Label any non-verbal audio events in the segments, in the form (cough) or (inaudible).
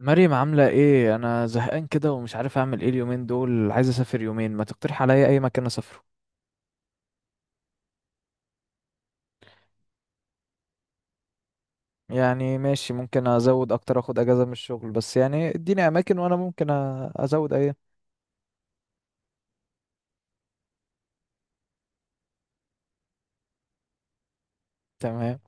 مريم عاملة ايه؟ انا زهقان كده ومش عارف اعمل ايه اليومين دول. عايز اسافر يومين. ما تقترح عليا اي مكان اسافره؟ يعني ماشي، ممكن ازود اكتر، اخد اجازة من الشغل، بس يعني اديني اماكن وانا ممكن ازود. ايه؟ تمام.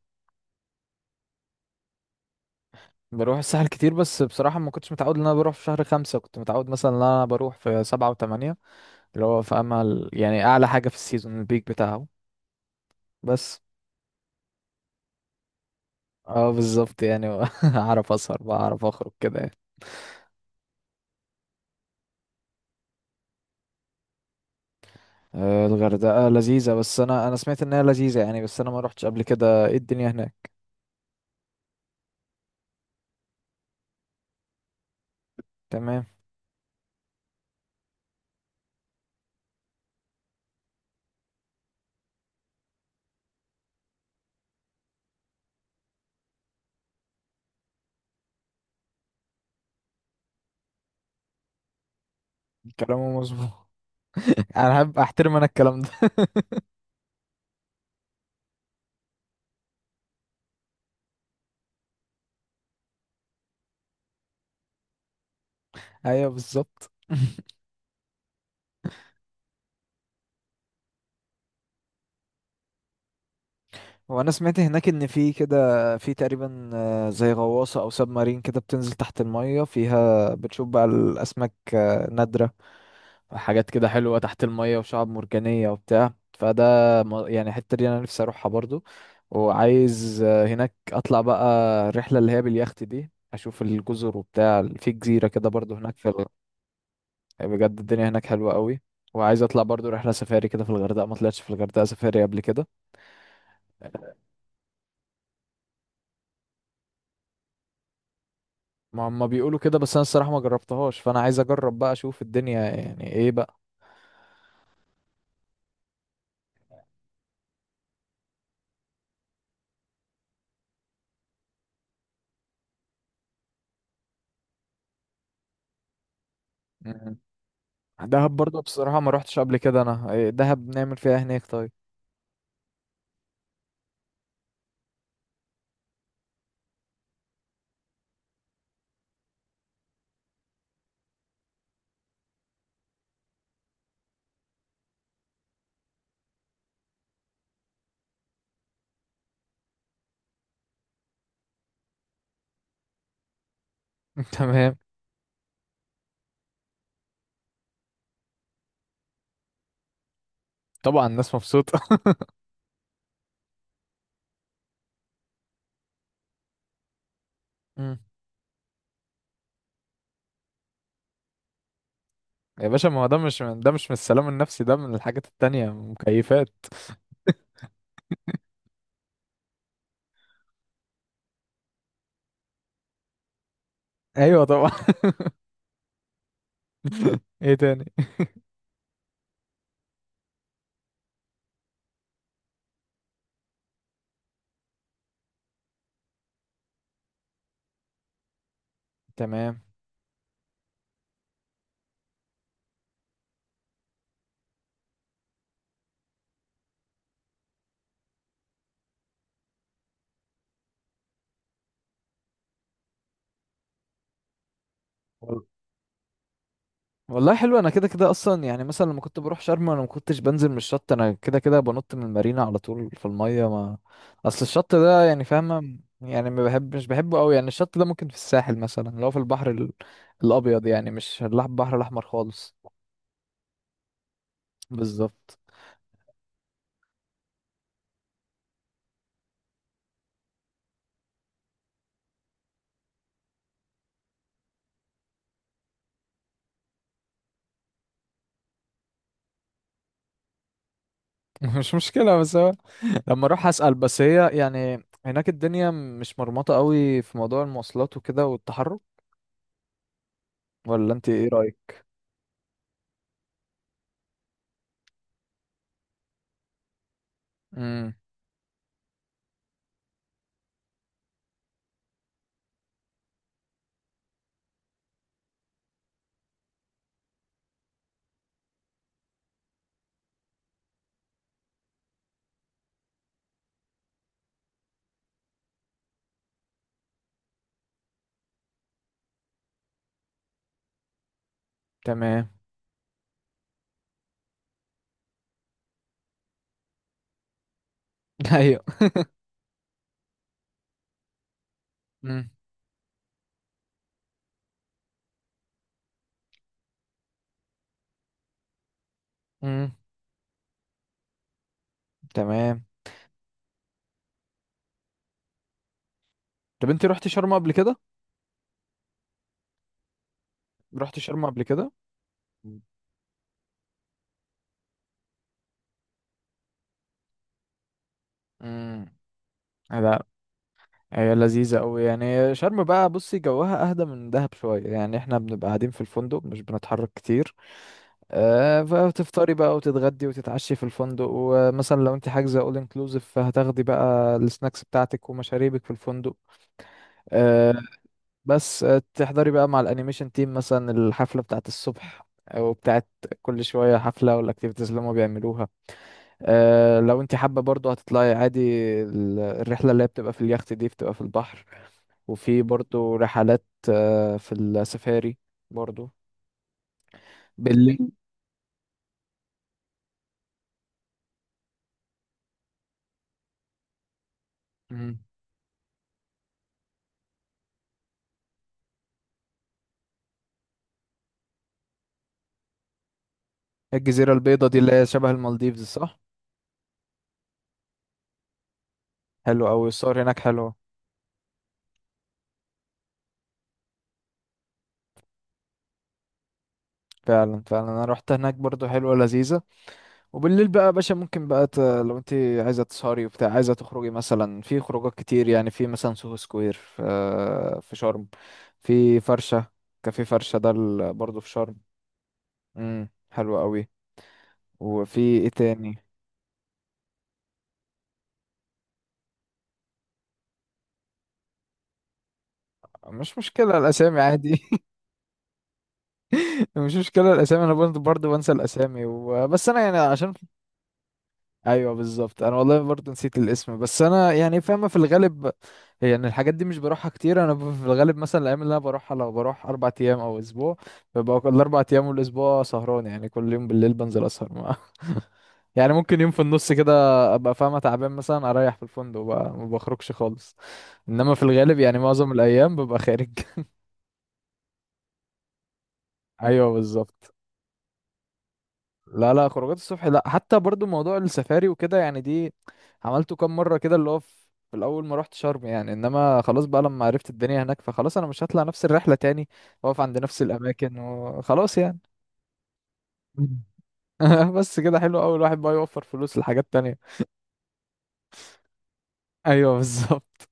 بروح الساحل كتير بس بصراحة ما كنتش متعود ان انا بروح في شهر 5، كنت متعود مثلا ان انا بروح في 7 و8، اللي هو في امل، يعني اعلى حاجة في السيزون، البيك بتاعه. بس. اه بالظبط يعني. (laughs) اعرف اسهر بقى، اعرف اخرج كده يعني. الغردقة لذيذة، بس أنا سمعت إنها لذيذة يعني، بس أنا ما روحتش قبل كده. إيه الدنيا هناك؟ تمام. كلامه مظبوط. (laughs) أنا أحب أحترم أنا الكلام ده. (laughs) أيوه بالظبط. (laughs) وأنا سمعت هناك إن في كده، في تقريبا زي غواصة أو سب مارين كده بتنزل تحت المية، فيها بتشوف بقى الأسماك نادرة، حاجات كده حلوة تحت المية وشعب مرجانية وبتاع فده. يعني الحتة دي أنا نفسي أروحها برضو. وعايز هناك أطلع بقى الرحلة اللي هي باليخت دي، أشوف الجزر وبتاع، في جزيرة كده برضو هناك في بجد الدنيا هناك حلوة قوي. وعايز أطلع برضو رحلة سفاري كده في الغردقة، ما طلعتش في الغردقة سفاري قبل كده. ما هم بيقولوا كده، بس أنا الصراحة ما جربتهاش، فأنا عايز أجرب بقى أشوف الدنيا يعني إيه بقى. مم. دهب برضو بصراحة ما روحتش قبل كده. أنا دهب نعمل فيها إيه هناك طيب؟ (laughs) تمام. طبعا الناس مبسوطة. (laughs) مم. يا باشا ما هو ده مش من السلام النفسي، ده من الحاجات التانية، مكيفات. (laughs) ايوه طبعا. (laughs) ايه تاني؟ تمام. وال- والله حلو، انا كده كده اصلا يعني. مثلا لما كنت بروح شرم انا ما كنتش بنزل من الشط، انا كده كده بنط من المارينا على طول في المية. ما اصل الشط ده، يعني فاهمة، يعني ما بحب مش بحبه قوي يعني. الشط ده ممكن في الساحل مثلا اللي هو في البحر الابيض، يعني مش البحر الاحمر خالص. بالظبط. (laughs) مش مشكلة، بس هو لما اروح اسال. بس هي يعني هناك الدنيا مش مرمطه قوي في موضوع المواصلات وكده والتحرك؟ ولا انت ايه رايك؟ امم. تمام. (laughs) ايوه. امم. امم. تمام. طب انت رحت شرم قبل كده؟ رحت شرم قبل كده؟ امم. لا، هي لذيذة أوي يعني. شرم بقى بصي جواها أهدى من دهب شوية، يعني احنا بنبقى قاعدين في الفندق، مش بنتحرك كتير. فتفطري بقى وتتغدي وتتعشي في الفندق، ومثلا لو انت حاجزه اول انكلوزيف فهتاخدي بقى السناكس بتاعتك ومشاريبك في الفندق. آه. بس تحضري بقى مع الانيميشن تيم مثلا الحفله بتاعت الصبح او بتاعت، كل شويه حفله والاكتيفيتيز اللي هما بيعملوها. لو انت حابه برضو هتطلعي عادي. الرحله اللي هي بتبقى في اليخت دي بتبقى في البحر، وفي برضو رحلات في السفاري برضو بالليل. مم. الجزيره البيضاء دي اللي هي شبه المالديفز، صح؟ حلو أوي، الصور هناك حلوة. فعلا فعلا، انا رحت هناك برضو، حلوة لذيذة. وبالليل بقى يا باشا ممكن بقى لو انت عايزة تسهري وبتاع، عايزة تخرجي مثلا في خروجات كتير يعني، في مثلا سوهو سكوير في شرم، في فرشة، كافيه فرشة ده برضو في شرم. امم. حلو أوي. وفي ايه تاني؟ مش مشكلة الأسامي عادي. (laughs) مش مشكلة الأسامي، أنا برضو بنسى الأسامي، وبس أنا يعني عشان. ايوه بالظبط، انا والله برضه نسيت الاسم، بس انا يعني فاهمه في الغالب. يعني الحاجات دي مش بروحها كتير، انا في الغالب مثلا الايام اللي انا بروحها، لو بروح 4 ايام او اسبوع، ببقى كل 4 ايام والاسبوع سهران يعني، كل يوم بالليل بنزل اسهر مع (laughs) يعني ممكن يوم في النص كده ابقى فاهمه تعبان، مثلا اريح في الفندق بقى، ما بخرجش خالص. انما في الغالب يعني معظم الايام ببقى خارج. (laughs) ايوه بالظبط. لا لا، خروجات الصبح لا، حتى برضو موضوع السفاري وكده يعني، دي عملته كام مرة كده اللي هو في الأول ما رحت شرم يعني، إنما خلاص بقى لما عرفت الدنيا هناك فخلاص، أنا مش هطلع نفس الرحلة تاني وأقف عند نفس الأماكن وخلاص يعني. (laughs) بس كده حلو أوي، الواحد بقى يوفر فلوس لحاجات تانية. أيوه بالظبط.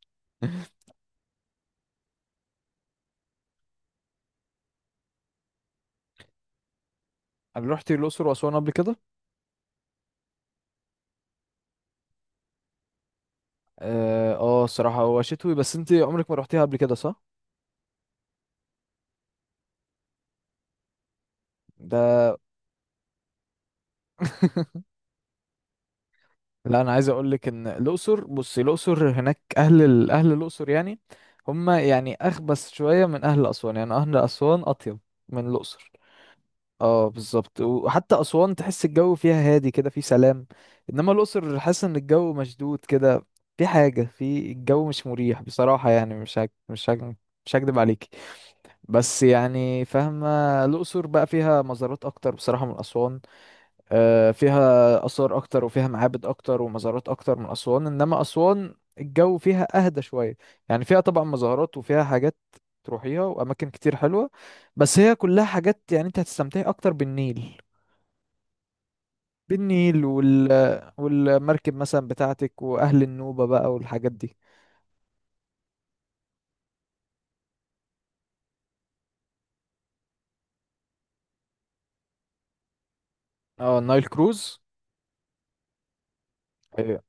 أنا رحت الأقصر وأسوان قبل كده. اه الصراحة هو شتوي، بس أنت عمرك ما رحتيها قبل كده، صح؟ ده. (laughs) لا، انا عايز اقول لك ان الاقصر، بصي، الاقصر هناك اهل اهل الاقصر يعني هم يعني اخبث شويه من اهل اسوان، يعني اهل اسوان اطيب من الاقصر. اه بالظبط. وحتى اسوان تحس الجو فيها هادي كده، في سلام. انما الاقصر حاسس ان الجو مشدود كده، في حاجه في الجو مش مريح بصراحه يعني، مش هكدب عليكي، بس يعني فاهمه. الاقصر بقى فيها مزارات اكتر بصراحه من اسوان. فيها آثار أكتر وفيها معابد أكتر ومزارات أكتر من أسوان. إنما أسوان الجو فيها أهدى شوية، يعني فيها طبعا مزارات وفيها حاجات تروحيها وأماكن كتير حلوة، بس هي كلها حاجات يعني. أنت هتستمتعي أكتر بالنيل، بالنيل وال... والمركب مثلا بتاعتك وأهل النوبة بقى والحاجات دي. اه، نايل كروز. ايوه،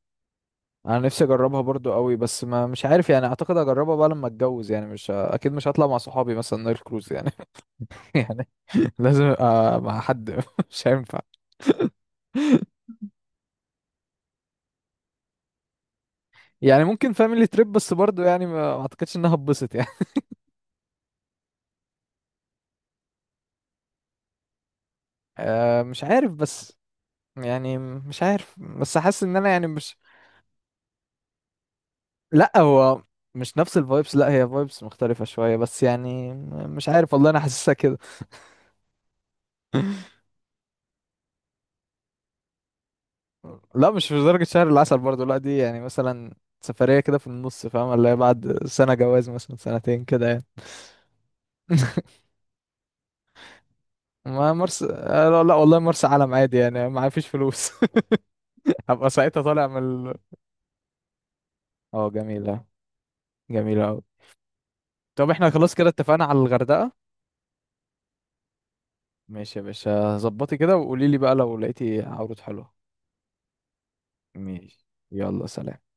انا نفسي اجربها برضو قوي، بس ما مش عارف يعني، اعتقد اجربها بقى لما اتجوز يعني، مش ه- اكيد مش هطلع مع صحابي مثلا نايل كروز يعني. (laughs) يعني لازم ابقى مع حد. (laughs) مش هينفع. يعني ممكن فاميلي تريب بس برضو يعني ما اعتقدش انها اتبسط يعني. (laughs) أه مش عارف بس، يعني مش عارف، بس حاسس ان انا يعني مش. لا هو مش نفس الفايبس، لا هي فايبس مختلفة شوية بس يعني، مش عارف والله، انا حاسسها كده. لا مش في درجة شهر العسل برضو، لا دي يعني مثلا سفرية كده في النص، فاهم، اللي هي بعد سنة جواز مثلا سنتين كده يعني. (laughs) ما مرسى لا لا، والله مرسى علم عادي يعني، ما فيش فلوس. (laughs) هبقى ساعتها طالع من. اه جميلة. جميلة أوي. طب احنا خلاص كده اتفقنا على الغردقة. ماشي يا باشا، ظبطي كده وقولي لي بقى لو لقيتي عروض حلوة. ماشي. يلا سلام.